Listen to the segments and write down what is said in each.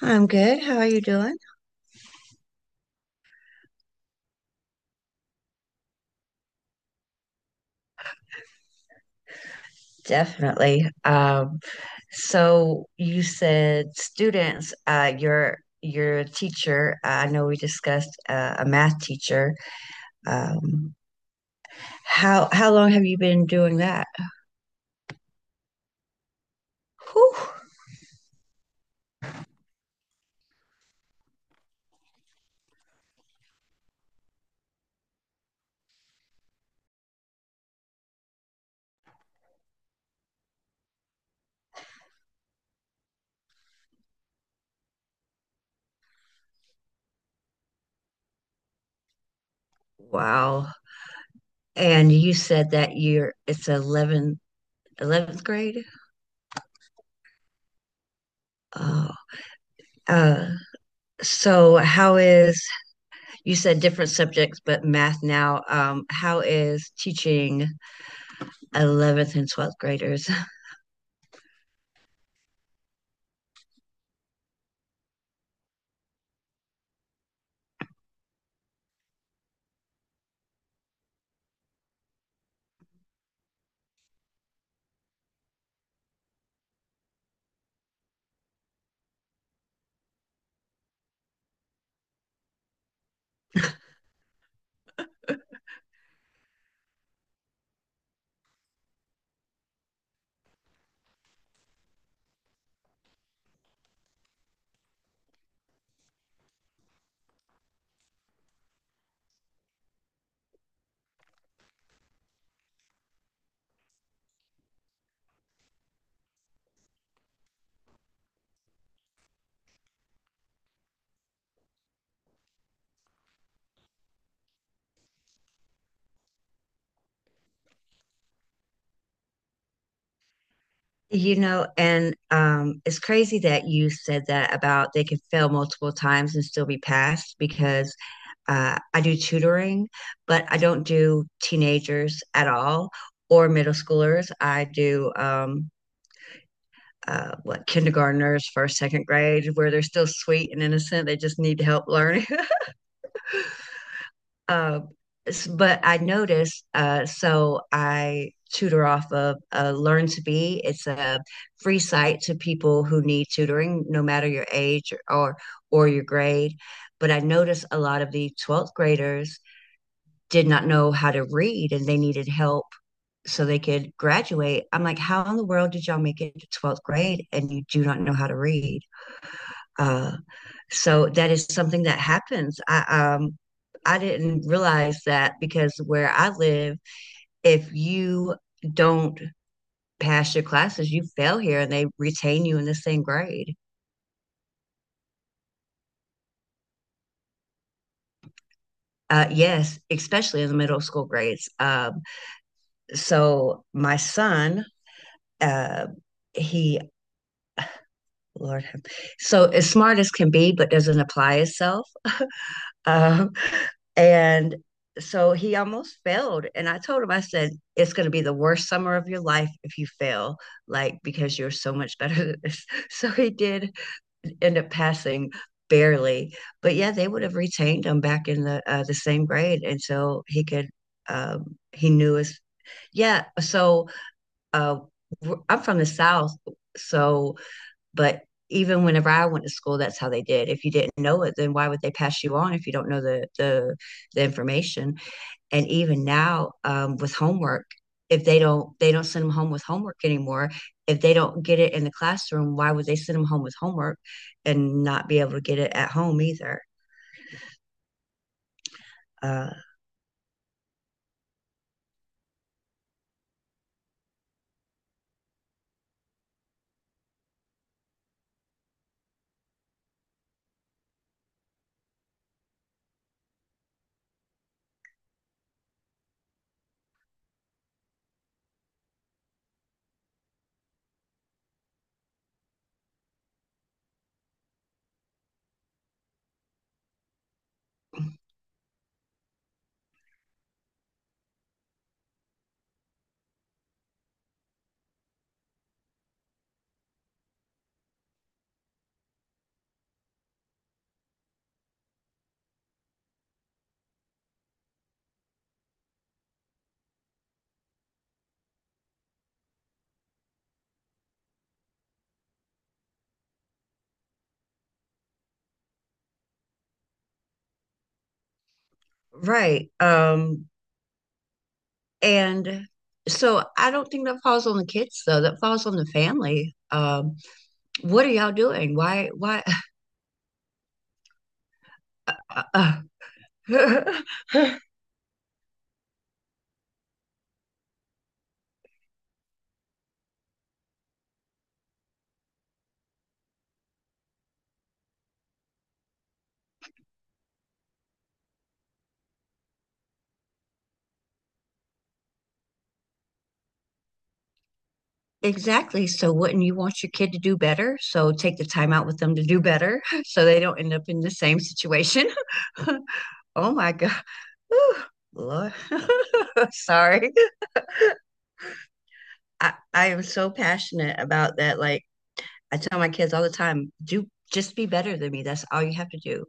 I'm good. How are you doing? Definitely. So you said students, your teacher, I know we discussed a math teacher. Um, how long have you been doing that? Whew. Wow. And you said that you're it's 11th grade? Oh. Uh, so how is you said different subjects, but math now. How is teaching 11th and 12th graders? And it's crazy that you said that about they can fail multiple times and still be passed, because I do tutoring, but I don't do teenagers at all or middle schoolers. I do what kindergartners, first, second grade, where they're still sweet and innocent. They just need help learning. Uh, but I noticed, so I tutor off of Learn to Be. It's a free site to people who need tutoring, no matter your age or your grade. But I noticed a lot of the 12th graders did not know how to read, and they needed help so they could graduate. I'm like, how in the world did y'all make it to 12th grade and you do not know how to read? Uh, so that is something that happens. Um I didn't realize that, because where I live, if you don't pass your classes, you fail here, and they retain you in the same grade. Yes, especially in the middle school grades. So my son, uh, he Lord, have- so as smart as can be, but doesn't apply itself. Uh, And so he almost failed. And I told him, I said, it's going to be the worst summer of your life if you fail, like, because you're so much better than this. So he did end up passing, barely. But yeah, they would have retained him back in the same grade. And so he knew his, yeah. So uh, I'm from the South. So, but even whenever I went to school, that's how they did. If you didn't know it, then why would they pass you on if you don't know the information? And even now, with homework, if they don't they don't send them home with homework anymore. If they don't get it in the classroom, why would they send them home with homework and not be able to get it at home either? uh, right. And so I don't think that falls on the kids, though; that falls on the family. What are y'all doing? Why? Exactly. So wouldn't you want your kid to do better? So take the time out with them to do better, so they don't end up in the same situation. Oh my God. Whew, Lord. Sorry. I am so passionate about that. Like, I tell my kids all the time, do just be better than me. That's all you have to do.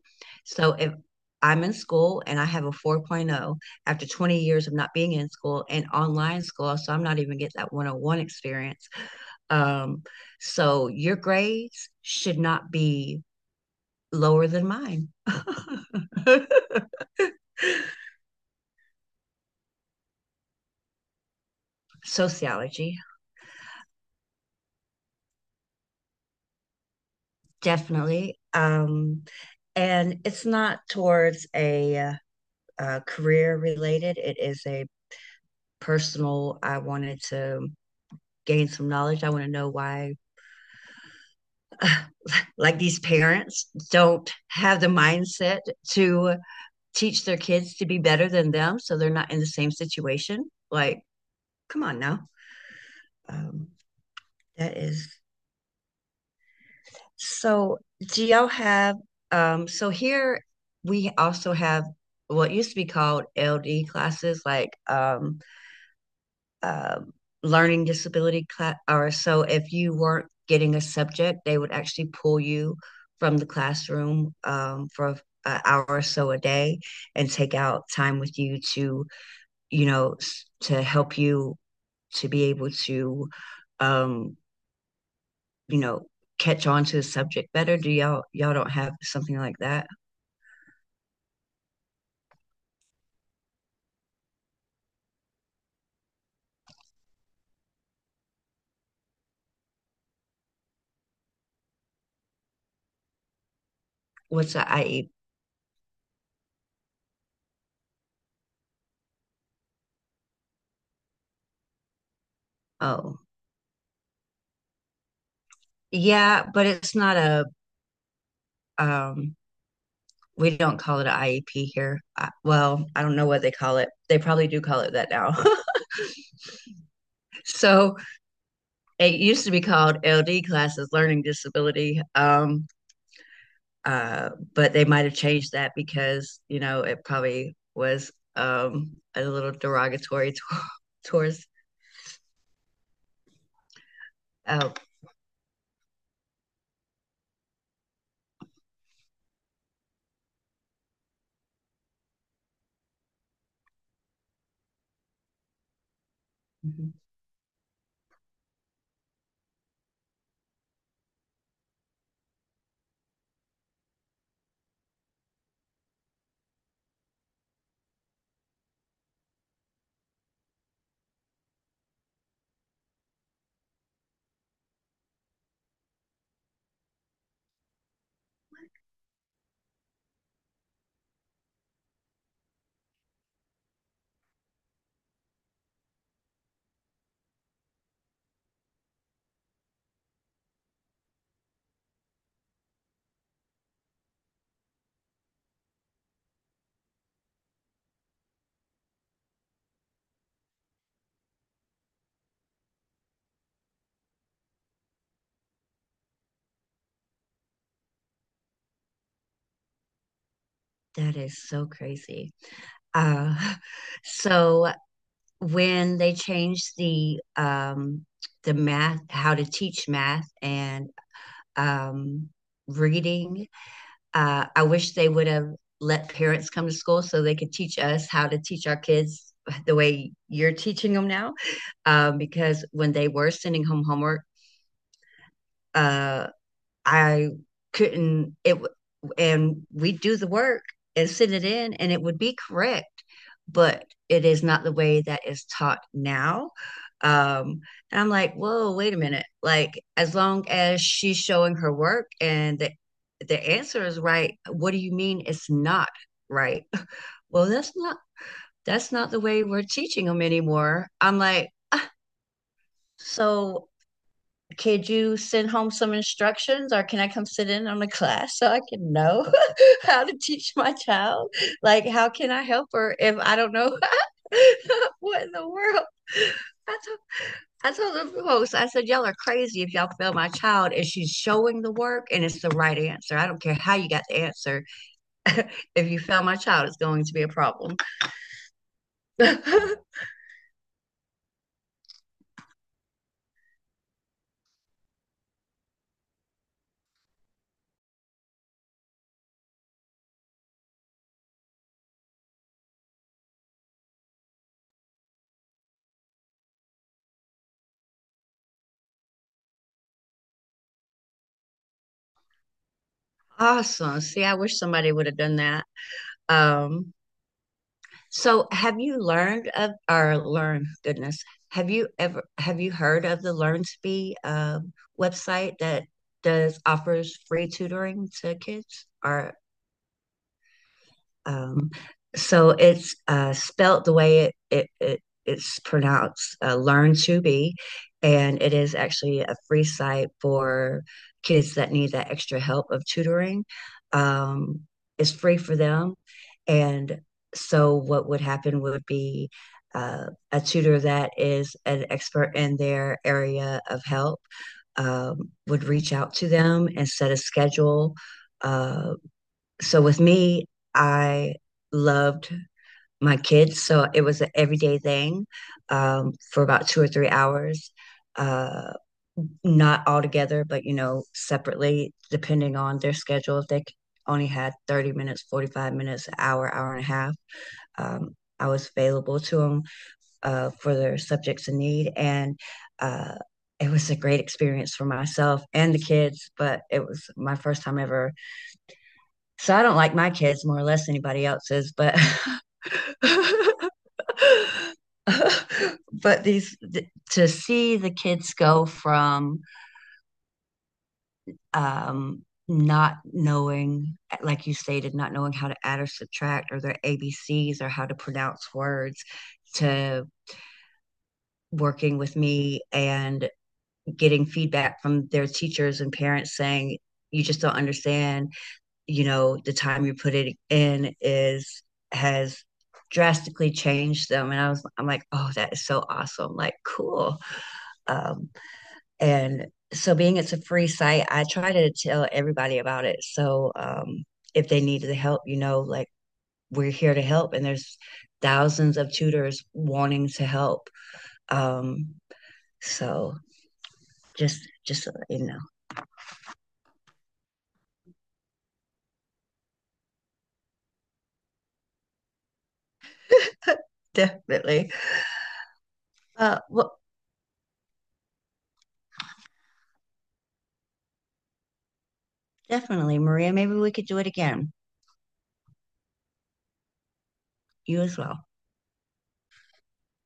So if I'm in school and I have a 4.0 after 20 years of not being in school, and online school, so I'm not even getting that 101 experience. Um, so your grades should not be lower than mine. Sociology, definitely. And it's not towards a, career related, it is a personal. I wanted to gain some knowledge. I want to know why, like, these parents don't have the mindset to teach their kids to be better than them, so they're not in the same situation. Like, come on now. Um, that is so. Do y'all have, so here we also have what used to be called LD classes, like, um learning disability class. Or so if you weren't getting a subject, they would actually pull you from the classroom, for an hour or so a day, and take out time with you to, you know, to help you to be able to, um, you know, catch on to the subject better? Do y'all don't have something like that? What's the IEP? Oh, yeah, but it's not a, um we don't call it an IEP here. Well, I don't know what they call it. They probably do call it that now. so it used to be called LD classes, learning disability. But they might have changed that, because it probably was, a little derogatory towards. Oh, mm-hmm. That is so crazy. Uh, so when they changed the math, how to teach math and, um, reading, I wish they would have let parents come to school so they could teach us how to teach our kids the way you're teaching them now. Because when they were sending home homework, uh, I couldn't it, and we do the work and send it in, and it would be correct, but it is not the way that is taught now. Um, and I'm like, whoa, wait a minute. Like, as long as she's showing her work and the answer is right, what do you mean it's not right? Well, that's not the way we're teaching them anymore. I'm like, so could you send home some instructions, or can I come sit in on the class so I can know how to teach my child? Like, how can I help her if I don't know what in the world? I told, I told the host, I said, y'all are crazy if y'all fail my child and she's showing the work and it's the right answer. I don't care how you got the answer. if you fail my child, it's going to be a problem. awesome. See, I wish somebody would have done that. Um, So have you learned of, or learn, goodness? Have you heard of the LearnSpe, website that does offers free tutoring to kids, or, um, so it's, spelt the way it's pronounced, Learn to Be, and it is actually a free site for kids that need that extra help of tutoring. Um, it's free for them. And so, what would happen would be, uh, a tutor that is an expert in their area of help, would reach out to them and set a schedule. Uh, so with me, I loved my kids. So it was an everyday thing, for about 2 or 3 hours, uh, not all together, but, separately, depending on their schedule. If they only had 30 minutes, 45 minutes, an hour, hour and a half, um, I was available to them for their subjects in need. And, uh, it was a great experience for myself and the kids, but it was my first time ever, so I don't like my kids more or less anybody else's, but to see the kids go from, not knowing, like you stated, not knowing how to add or subtract or their ABCs or how to pronounce words, to working with me and getting feedback from their teachers and parents saying, you just don't understand, the time you put it in is has drastically changed them. And I'm like, oh, that is so awesome, like, cool. Um and so, being it's a free site, I try to tell everybody about it. So, if they need the help, like, we're here to help, and there's thousands of tutors wanting to help. Um so just so you know. definitely. Well, definitely, Maria, maybe we could do it again. You as well.